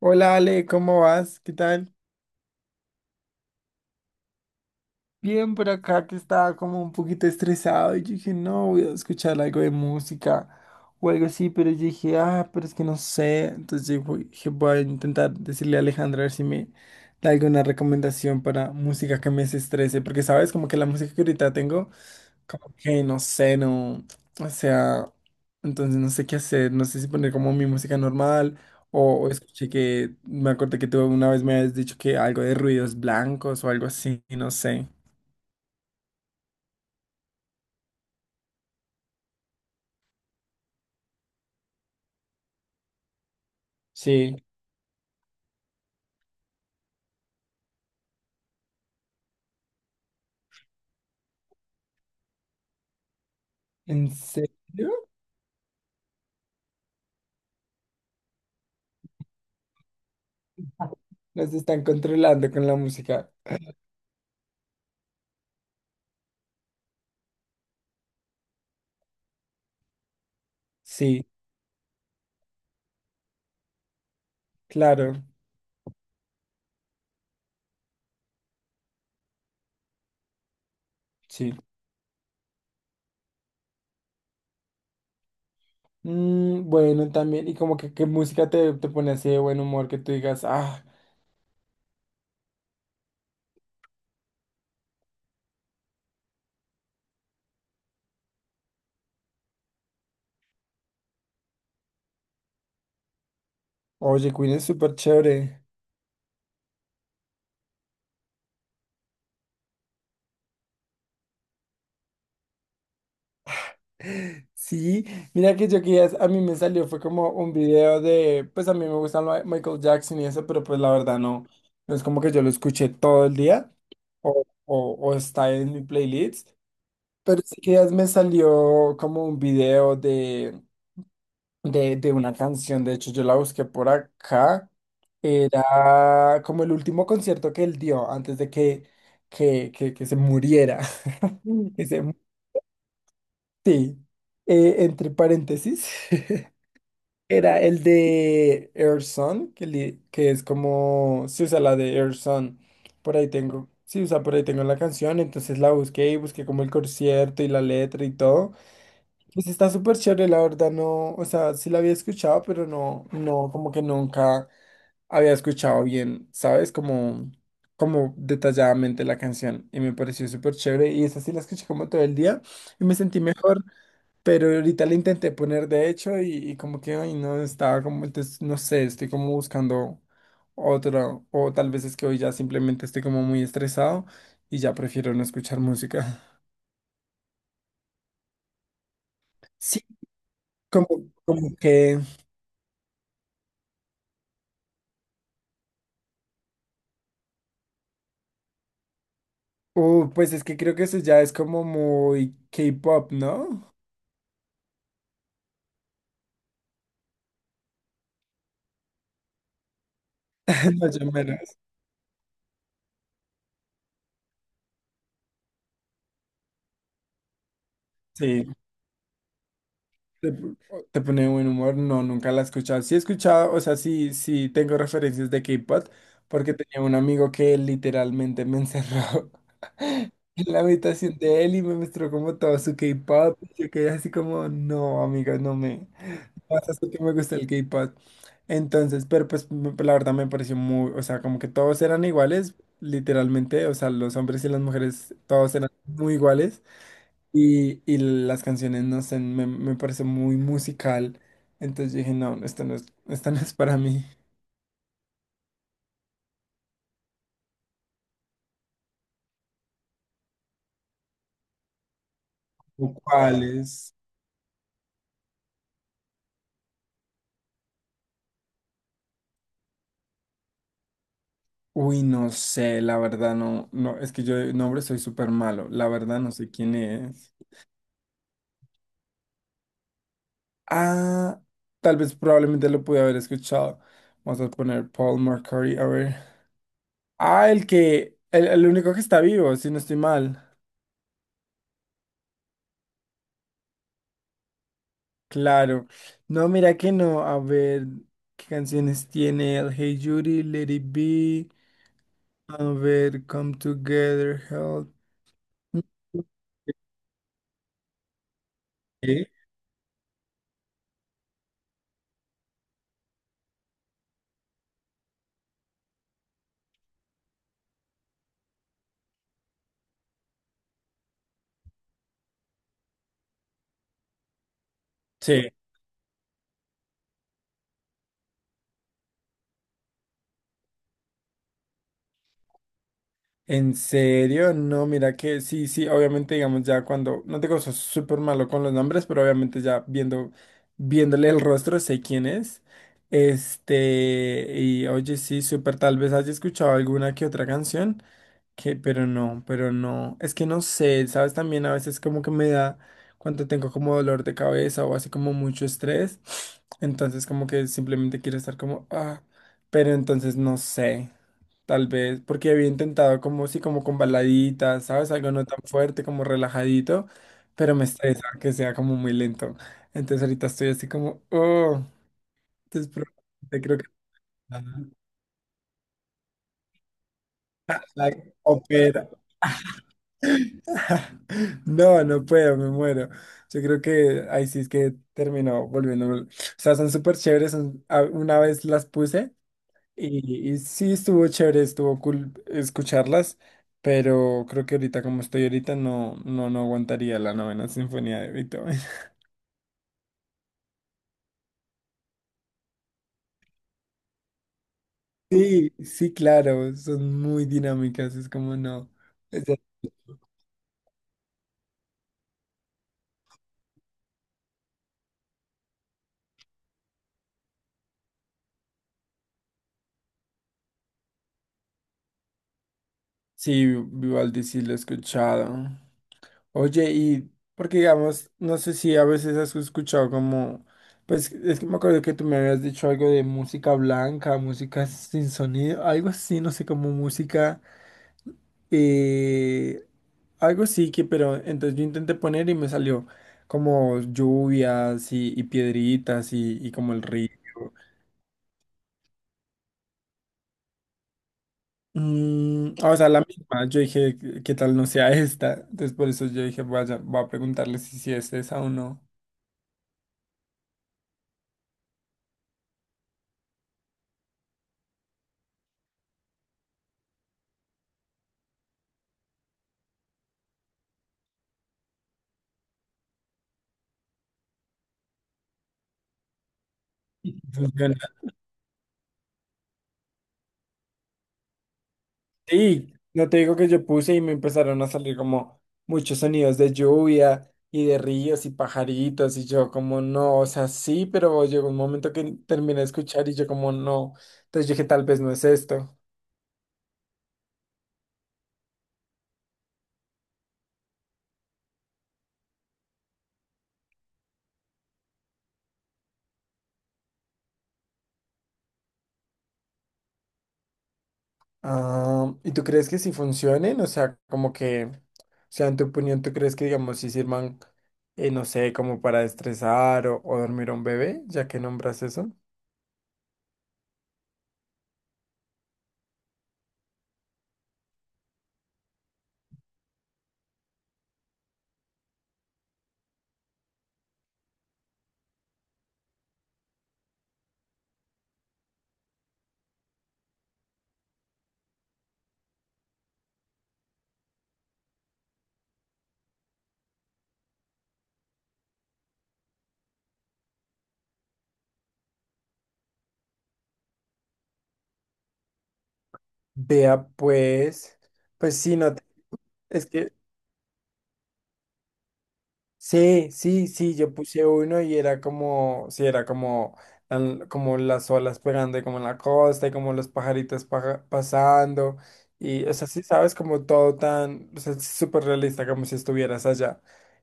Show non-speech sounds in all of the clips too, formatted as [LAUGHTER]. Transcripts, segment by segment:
Hola Ale, ¿cómo vas? ¿Qué tal? Bien por acá que estaba como un poquito estresado y yo dije, no, voy a escuchar algo de música o algo así, pero yo dije, ah, pero es que no sé. Entonces dije, voy a intentar decirle a Alejandra a ver si me da alguna recomendación para música que me desestrese, porque sabes, como que la música que ahorita tengo, como que no sé, no, o sea, entonces no sé qué hacer, no sé si poner como mi música normal o escuché que, me acordé que tú una vez me habías dicho que algo de ruidos blancos o algo así, no sé. Sí, ¿en serio? Nos están controlando con la música. Sí, claro, sí. Mm, bueno, también, y como que qué música te pone así de buen humor que tú digas, ah, oye, Queen es súper chévere. [LAUGHS] Sí, mira que yo que a mí me salió, fue como un video de, pues a mí me gusta lo de Michael Jackson y eso, pero pues la verdad no, no es como que yo lo escuché todo el día o, o está en mi playlist, pero sí que me salió como un video de de una canción. De hecho, yo la busqué por acá. Era como el último concierto que él dio antes de que se muriera. [LAUGHS] Que se mu- sí. Entre paréntesis, [LAUGHS] era el de Air Sun, que es como se usa la de Air Sun. Por ahí tengo, sí, usa por ahí tengo la canción. Entonces la busqué y busqué como el concierto y la letra y todo. Pues está súper chévere, la verdad, no, o sea, sí la había escuchado, pero no, no, como que nunca había escuchado bien, ¿sabes? Como, como detalladamente la canción y me pareció súper chévere y esa sí la escuché como todo el día y me sentí mejor, pero ahorita la intenté poner de hecho y como que, ay, no, estaba como, entonces, no sé, estoy como buscando otro, o tal vez es que hoy ya simplemente estoy como muy estresado y ya prefiero no escuchar música. Sí, [LAUGHS] como, como que... Pues es que creo que eso ya es como muy K-pop, ¿no? [LAUGHS] Más llameras. Sí. Te, te pone buen humor. No, nunca la he escuchado. Sí he escuchado, o sea, sí, sí tengo referencias de K-pop, porque tenía un amigo que literalmente me encerró [LAUGHS] en la habitación de él y me mostró como todo su K-pop, y yo quedé así como, no, amiga no me. Pasa es que me gusta el K-pop. Entonces, la verdad me pareció muy, o sea, como que todos eran iguales, literalmente, o sea, los hombres y las mujeres, todos eran muy iguales. Y las canciones, no sé, me pareció muy musical. Entonces dije, no, esto no es para mí. ¿O ¿cuáles? Uy, no sé, la verdad no, no, es que yo de nombre soy súper malo, la verdad no sé quién es. Ah, tal vez probablemente lo pude haber escuchado. Vamos a poner Paul McCartney, a ver. Ah, el único que está vivo, si no estoy mal. Claro. No, mira que no. A ver, ¿qué canciones tiene? El Hey Judy, Let It Be. A ver, Come Together, Help. Mm, sí. Sí. ¿En serio? No, mira que sí, sí, obviamente digamos ya cuando, no te digo soy súper malo con los nombres, pero obviamente ya viendo, viéndole el rostro sé quién es. Este, y oye, sí, súper, tal vez haya escuchado alguna que otra canción. Que, pero no, pero no. Es que no sé, ¿sabes? También a veces como que me da cuando tengo como dolor de cabeza o así como mucho estrés. [SNIFFS] Entonces como que simplemente quiero estar como, ah, pero entonces no sé. Tal vez, porque había intentado como sí, como con baladitas, ¿sabes? Algo no tan fuerte, como relajadito, pero me estresa que sea como muy lento. Entonces ahorita estoy así como, oh, entonces probablemente creo que la, la [LAUGHS] no, no puedo, me muero. Yo creo que ahí sí es que terminó volviendo. O sea, son súper chéveres. Una vez las puse y sí estuvo chévere, estuvo cool escucharlas, pero creo que ahorita como estoy ahorita no, no, no aguantaría la novena sinfonía de Beethoven. [LAUGHS] Sí, sí, claro, son muy dinámicas, es como no. es de- Sí, Vivaldi sí lo he escuchado. Oye, y porque digamos, no sé si a veces has escuchado como, pues es que me acuerdo que tú me habías dicho algo de música blanca, música sin sonido, algo así, no sé, como música, eh, algo sí que, pero entonces yo intenté poner y me salió como lluvias y piedritas y como el río. Mm, o sea, la misma, yo dije, ¿qué tal no sea esta? Entonces por eso yo dije, vaya, voy a preguntarle si, si es esa o no. Funciona. Sí, no te digo que yo puse y me empezaron a salir como muchos sonidos de lluvia y de ríos y pajaritos y yo como no, o sea, sí, pero llegó un momento que terminé de escuchar y yo como no, entonces dije tal vez no es esto. Ah, ¿y tú crees que sí funcionen? O sea, como que, o sea, en tu opinión, ¿tú crees que digamos si sirvan, no sé, como para estresar o dormir a un bebé, ya que nombras eso? Vea pues, pues sí, no, es que... Sí, sí, sí, yo puse uno y era como, sí, era como, como las olas pegando y como en la costa y como los pasando y, o sea, sí, sabes, como todo tan, o sea, es súper realista, como si estuvieras allá.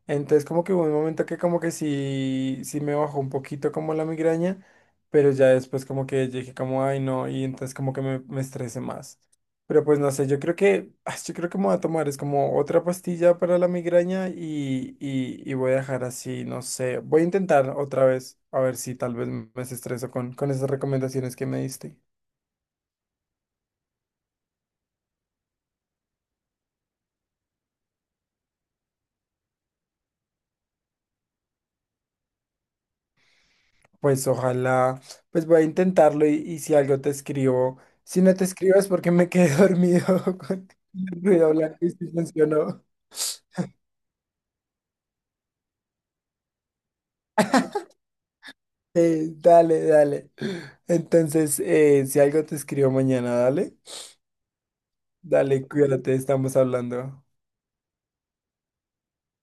Entonces, como que hubo un momento que como que sí, sí me bajó un poquito como la migraña, pero ya después como que dije como, ay, no, y entonces como que me estresé más. Pero pues no sé, yo creo que, [LAUGHS] ah, yo creo que me voy a tomar, es como otra pastilla para la migraña y voy a dejar así, no sé, voy a intentar otra vez, a ver si tal vez me estreso con esas recomendaciones que me diste. Pues ojalá, pues voy a intentarlo y si algo te escribo, si no te escribo es porque me quedé [LAUGHS] dormido con el ruido blanco y si funcionó. Dale, dale. Entonces, si algo te escribo mañana, dale, dale, cuídate, estamos hablando.